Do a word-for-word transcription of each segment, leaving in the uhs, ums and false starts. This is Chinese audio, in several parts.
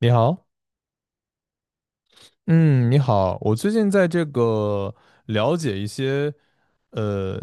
你好。嗯，你好，我最近在这个了解一些呃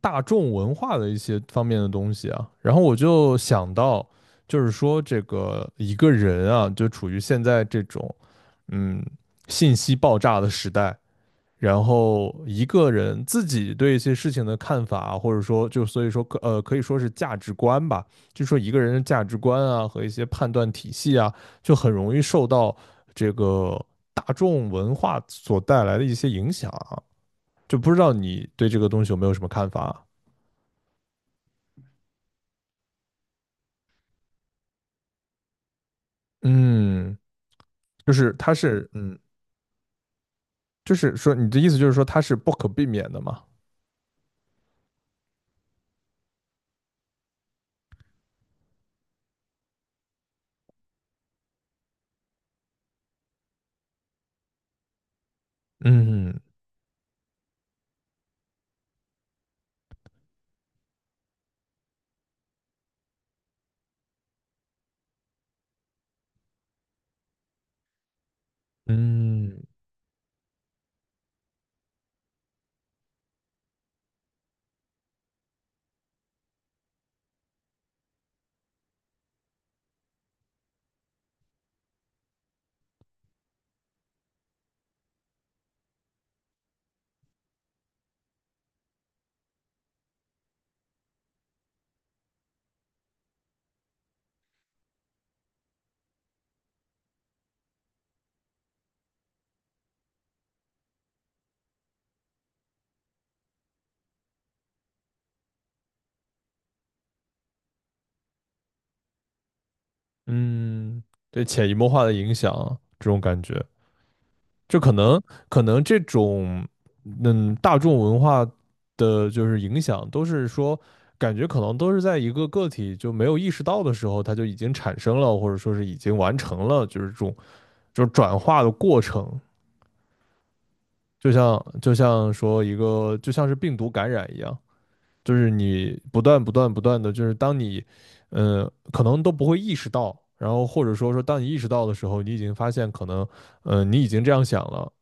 大众文化的一些方面的东西啊，然后我就想到，就是说这个一个人啊，就处于现在这种嗯信息爆炸的时代，然后一个人自己对一些事情的看法，或者说就所以说可呃可以说是价值观吧，就说一个人的价值观啊和一些判断体系啊，就很容易受到这个大众文化所带来的一些影响啊。就不知道你对这个东西有没有什么看法？嗯，就是它是嗯，就是说你的意思就是说它是不可避免的嘛？嗯嗯嗯，对潜移默化的影响啊这种感觉。就可能可能这种嗯大众文化的就是影响，都是说感觉可能都是在一个个体就没有意识到的时候，它就已经产生了，或者说是已经完成了，就是这种就是转化的过程。就像就像说一个就像是病毒感染一样，就是你不断不断不断的，就是当你嗯，可能都不会意识到。然后或者说说，当你意识到的时候，你已经发现可能，嗯，你已经这样想了。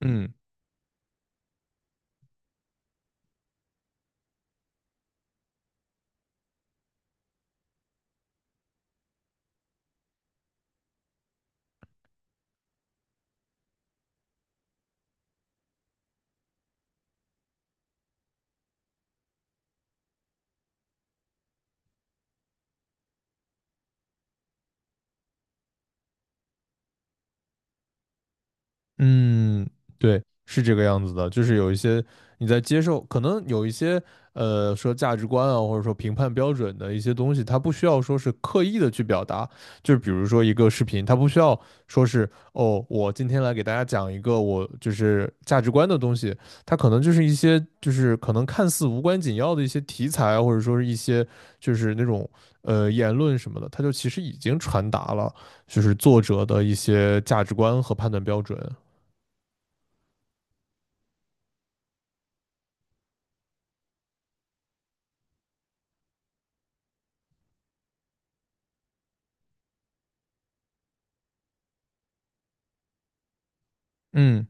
嗯，嗯，对，是这个样子的，就是有一些你在接受，可能有一些呃说价值观啊，或者说评判标准的一些东西，它不需要说是刻意的去表达，就是比如说一个视频，它不需要说是哦，我今天来给大家讲一个我就是价值观的东西，它可能就是一些就是可能看似无关紧要的一些题材啊，或者说是一些就是那种呃言论什么的，它就其实已经传达了就是作者的一些价值观和判断标准。嗯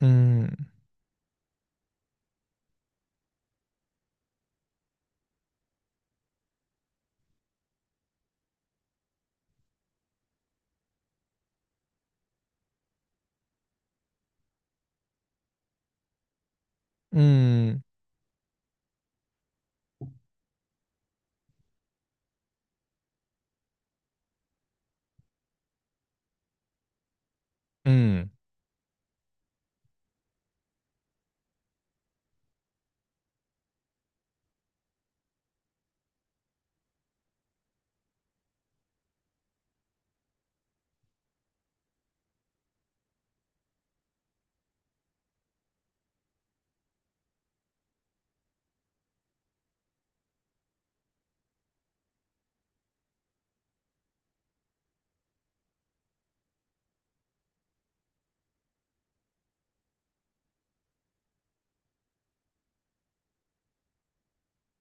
嗯嗯嗯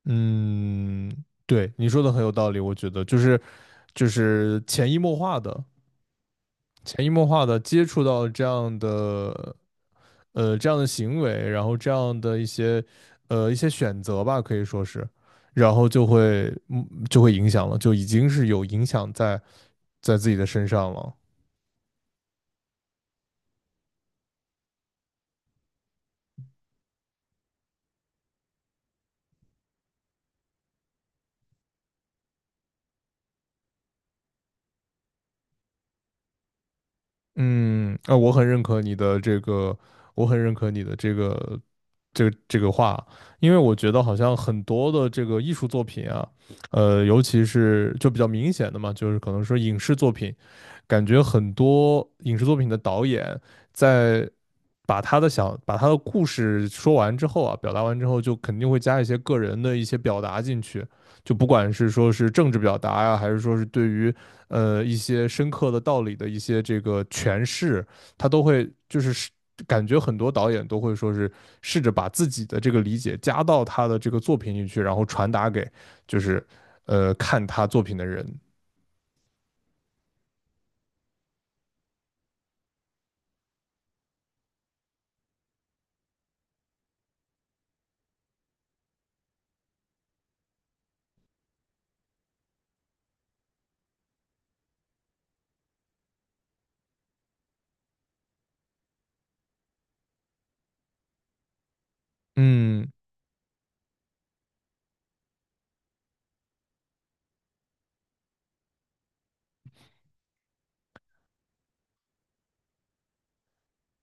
嗯，对，你说的很有道理，我觉得就是就是潜移默化的、潜移默化的接触到这样的呃这样的行为，然后这样的一些呃一些选择吧，可以说是，然后就会嗯就会影响了，就已经是有影响在在自己的身上了。嗯，啊，我很认可你的这个，我很认可你的这个，这个这个话，因为我觉得好像很多的这个艺术作品啊，呃，尤其是就比较明显的嘛，就是可能说影视作品，感觉很多影视作品的导演在把他的想把他的故事说完之后啊，表达完之后，就肯定会加一些个人的一些表达进去，就不管是说是政治表达呀、还是说是对于呃一些深刻的道理的一些这个诠释，他都会就是感觉很多导演都会说是试着把自己的这个理解加到他的这个作品里去，然后传达给就是呃看他作品的人。嗯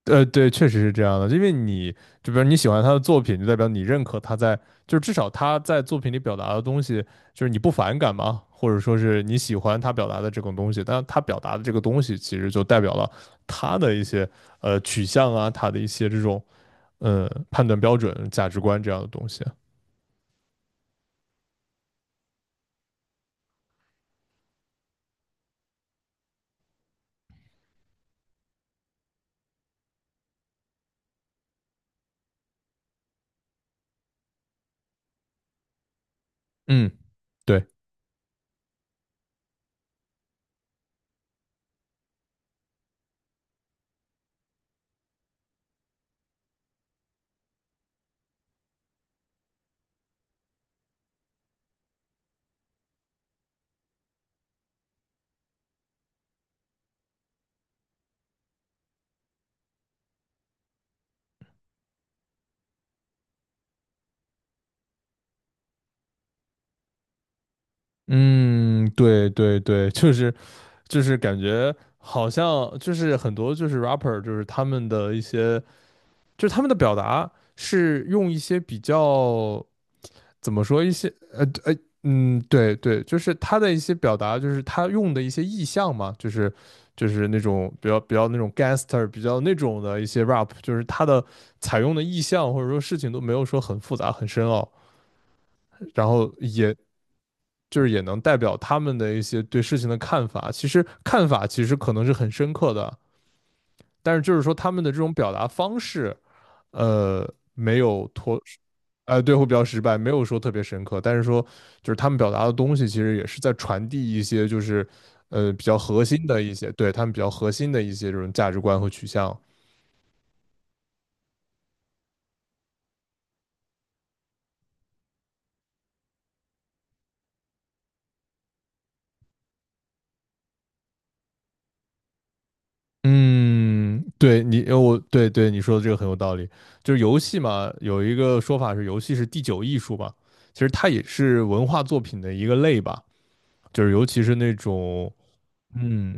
呃，对，确实是这样的，因为你就比如你喜欢他的作品，就代表你认可他在，就是至少他在作品里表达的东西，就是你不反感嘛，或者说是你喜欢他表达的这种东西，但他表达的这个东西其实就代表了他的一些呃取向啊，他的一些这种呃判断标准、价值观这样的东西。嗯，对，嗯，对对对，就是就是感觉好像就是很多就是 rapper 就是他们的一些就是他们的表达是用一些比较怎么说一些呃呃嗯对对，就是他的一些表达，就是他用的一些意象嘛，就是就是那种比较比较那种 gangster 比较那种的一些 rap，就是他的采用的意象或者说事情都没有说很复杂很深奥，然后也就是也能代表他们的一些对事情的看法。其实看法其实可能是很深刻的，但是就是说他们的这种表达方式。呃，没有脱，哎，对，会比较失败，没有说特别深刻，但是说就是他们表达的东西，其实也是在传递一些就是呃比较核心的一些，对他们比较核心的一些这种价值观和取向。嗯，对你，呃我对对你说的这个很有道理。就是游戏嘛，有一个说法是游戏是第九艺术吧，其实它也是文化作品的一个类吧。就是尤其是那种，嗯，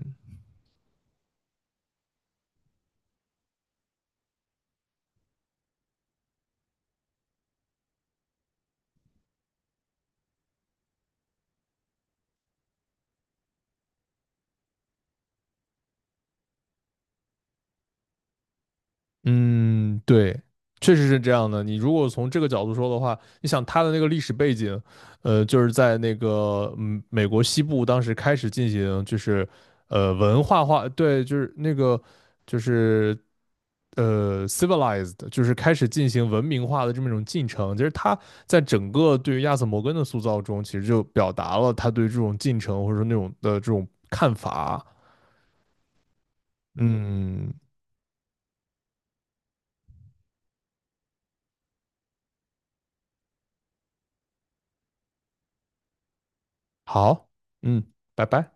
嗯，对，确实是这样的。你如果从这个角度说的话，你想它的那个历史背景，呃，就是在那个嗯美国西部当时开始进行就是呃文化化，对，就是那个就是呃 civilized，就是开始进行文明化的这么一种进程。其实他在整个对于亚瑟摩根的塑造中，其实就表达了他对这种进程或者说那种的这种看法。嗯，好，嗯，拜拜。